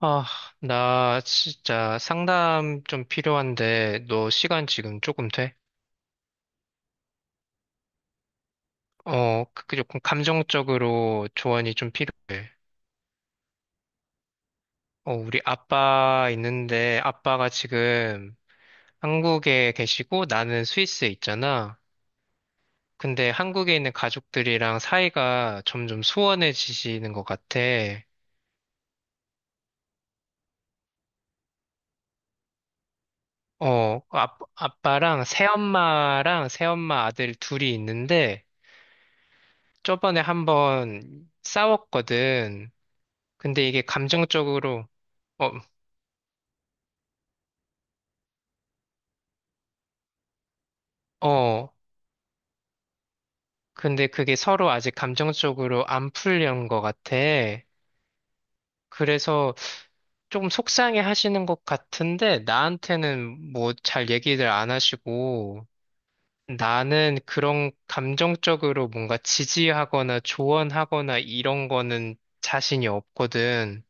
아, 나 진짜 상담 좀 필요한데, 너 시간 지금 조금 돼? 어, 그 조금 감정적으로 조언이 좀 필요해. 어, 우리 아빠 있는데, 아빠가 지금 한국에 계시고, 나는 스위스에 있잖아. 근데 한국에 있는 가족들이랑 사이가 점점 소원해지시는 것 같아. 어, 아, 아빠랑 새엄마랑 새엄마 아들 둘이 있는데, 저번에 한번 싸웠거든. 근데 이게 감정적으로, 어, 어, 근데 그게 서로 아직 감정적으로 안 풀린 것 같아. 그래서 조금 속상해 하시는 것 같은데, 나한테는 뭐 잘 얘기를 안 하시고, 나는 그런 감정적으로 뭔가 지지하거나 조언하거나 이런 거는 자신이 없거든.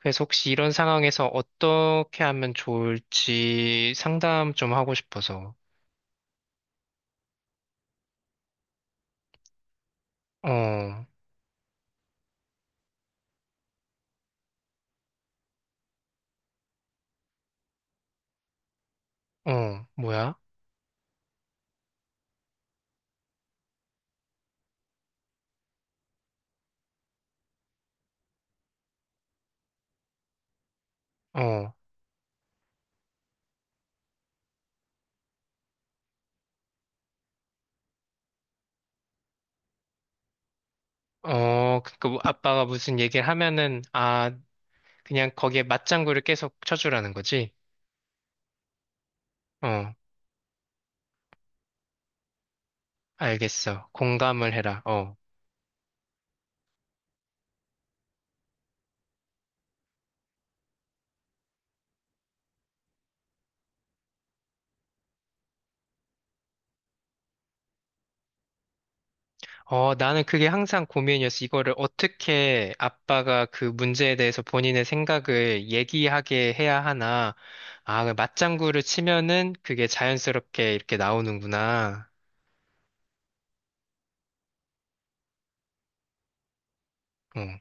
그래서 혹시 이런 상황에서 어떻게 하면 좋을지 상담 좀 하고 싶어서. 어, 뭐야? 어. 어, 그니까 뭐 아빠가 무슨 얘기를 하면은, 아, 그냥 거기에 맞장구를 계속 쳐주라는 거지? 어, 알겠어. 공감을 해라. 어. 어, 나는 그게 항상 고민이었어. 이거를 어떻게 아빠가 그 문제에 대해서 본인의 생각을 얘기하게 해야 하나. 아, 그 맞장구를 치면은 그게 자연스럽게 이렇게 나오는구나. 어.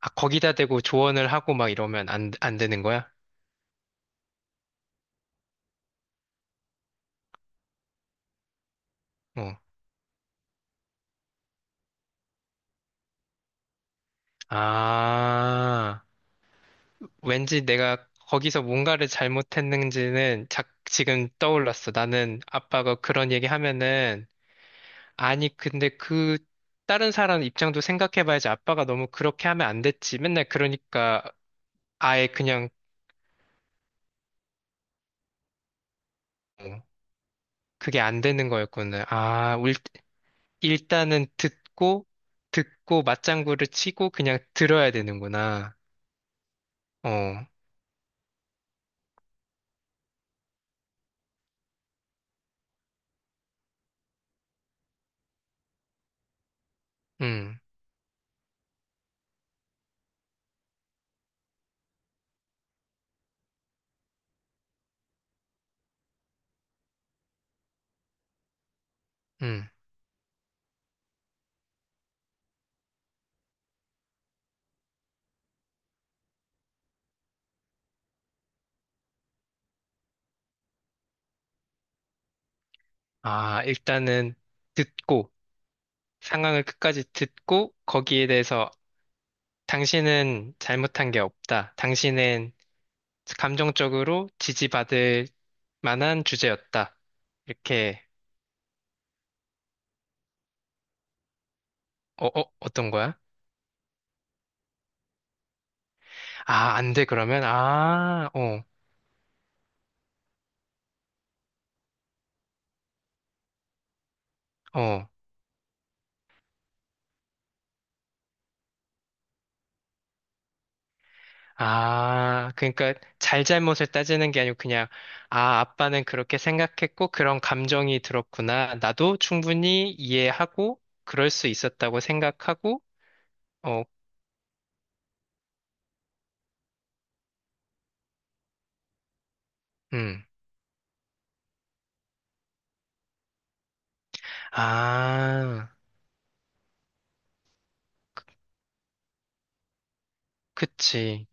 아, 거기다 대고 조언을 하고 막 이러면 안 되는 거야? 어. 아. 왠지 내가 거기서 뭔가를 잘못했는지는 지금 떠올랐어. 나는 아빠가 그런 얘기 하면은, 아니, 근데 그, 다른 사람 입장도 생각해봐야지 아빠가 너무 그렇게 하면 안 됐지. 맨날 그러니까 아예 그냥 그게 안 되는 거였구나. 아, 일단은 듣고, 듣고 맞장구를 치고 그냥 들어야 되는구나. 어, 음, 음. 아, 일단은 듣고. 상황을 끝까지 듣고 거기에 대해서 당신은 잘못한 게 없다. 당신은 감정적으로 지지받을 만한 주제였다. 이렇게, 어떤 거야? 아, 안 돼, 그러면? 아, 어, 어. 아, 그러니까 잘잘못을 따지는 게 아니고 그냥, 아, 아빠는 그렇게 생각했고 그런 감정이 들었구나. 나도 충분히 이해하고 그럴 수 있었다고 생각하고, 어, 음. 아, 그치.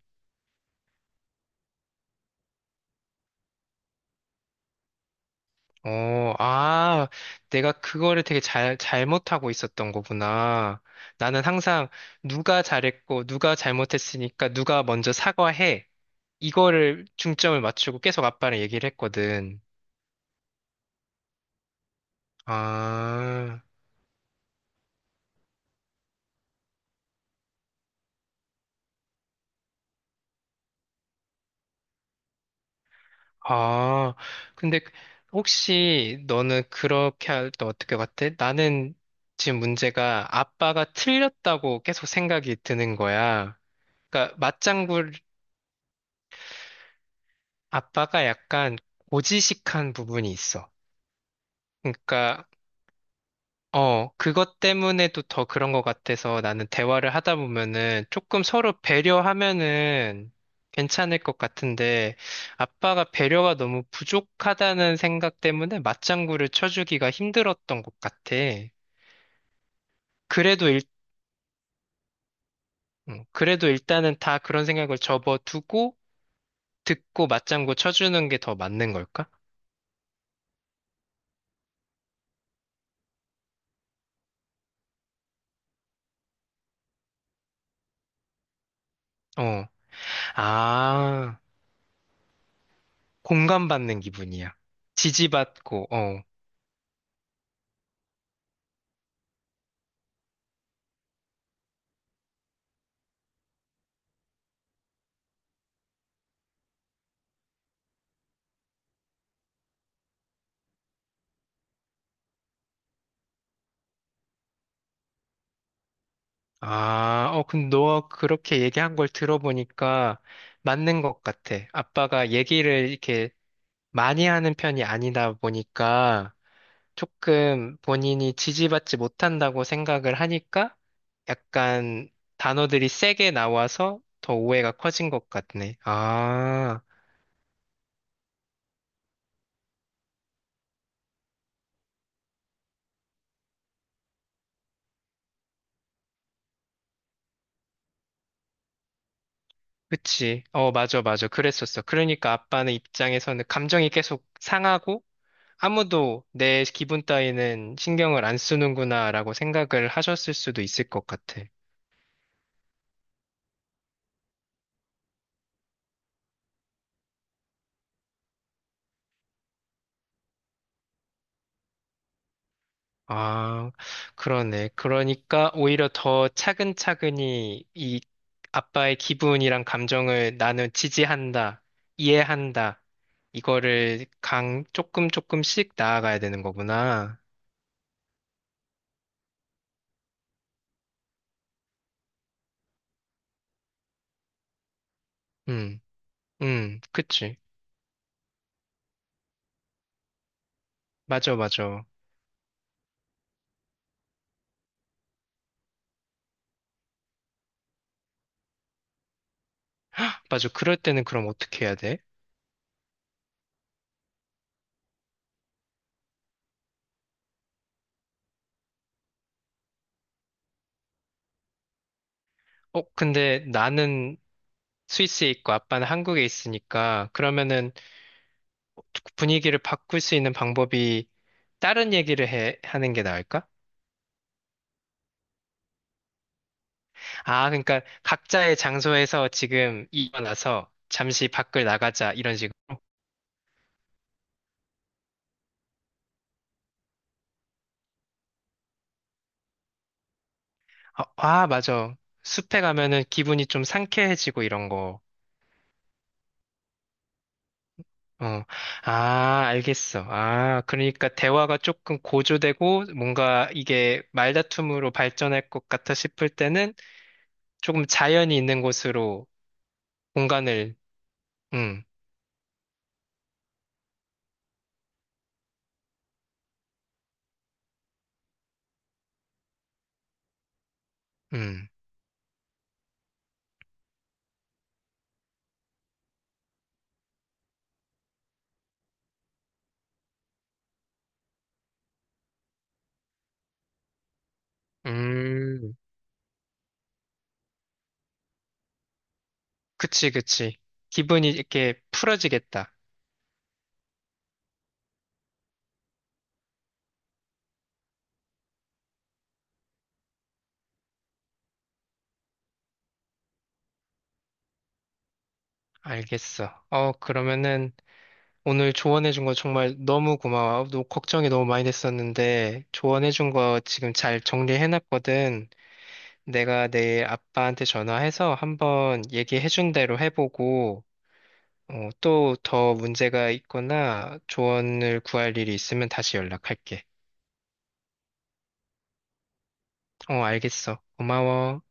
어, 아, 내가 그거를 되게 잘못하고 있었던 거구나. 나는 항상 누가 잘했고, 누가 잘못했으니까 누가 먼저 사과해. 이거를 중점을 맞추고 계속 아빠랑 얘기를 했거든. 아, 아. 근데 혹시 너는 그렇게 할 때 어떻게 같아? 나는 지금 문제가 아빠가 틀렸다고 계속 생각이 드는 거야. 그러니까 맞장구 아빠가 약간 고지식한 부분이 있어. 그러니까 어 그것 때문에도 더 그런 것 같아서 나는 대화를 하다 보면은 조금 서로 배려하면은 괜찮을 것 같은데 아빠가 배려가 너무 부족하다는 생각 때문에 맞장구를 쳐주기가 힘들었던 것 같아. 그래도 일 그래도 일단은 다 그런 생각을 접어두고 듣고 맞장구 쳐주는 게 더 맞는 걸까? 어. 아, 공감받는 기분이야. 지지받고, 어. 아, 어, 근데 너 그렇게 얘기한 걸 들어보니까 맞는 것 같아. 아빠가 얘기를 이렇게 많이 하는 편이 아니다 보니까 조금 본인이 지지받지 못한다고 생각을 하니까 약간 단어들이 세게 나와서 더 오해가 커진 것 같네. 아, 그치. 어, 맞아, 맞아. 그랬었어. 그러니까 아빠는 입장에서는 감정이 계속 상하고 아무도 내 기분 따위는 신경을 안 쓰는구나라고 생각을 하셨을 수도 있을 것 같아. 아, 그러네. 그러니까 오히려 더 차근차근히 이 아빠의 기분이랑 감정을 나는 지지한다, 이해한다. 이거를 조금 조금씩 나아가야 되는 거구나. 음, 그치. 맞아, 맞아. 헉, 맞아. 그럴 때는 그럼 어떻게 해야 돼? 어, 근데 나는 스위스에 있고 아빠는 한국에 있으니까 그러면은 분위기를 바꿀 수 있는 방법이 다른 얘기를 하는 게 나을까? 아, 그러니까 각자의 장소에서 지금 일어나서 잠시 밖을 나가자 이런 식으로. 아, 아, 맞아. 숲에 가면은 기분이 좀 상쾌해지고 이런 거. 어, 아, 알겠어. 아, 그러니까 대화가 조금 고조되고 뭔가 이게 말다툼으로 발전할 것 같아 싶을 때는 조금 자연이 있는 곳으로 공간을, 음, 음, 음. 그치, 그치. 기분이 이렇게 풀어지겠다. 알겠어. 어, 그러면은 오늘 조언해준 거 정말 너무 고마워. 너 걱정이 너무 많이 됐었는데 조언해준 거 지금 잘 정리해놨거든. 내가 내일 아빠한테 전화해서 한번 얘기해준 대로 해보고 어, 또더 문제가 있거나 조언을 구할 일이 있으면 다시 연락할게. 어, 알겠어. 고마워.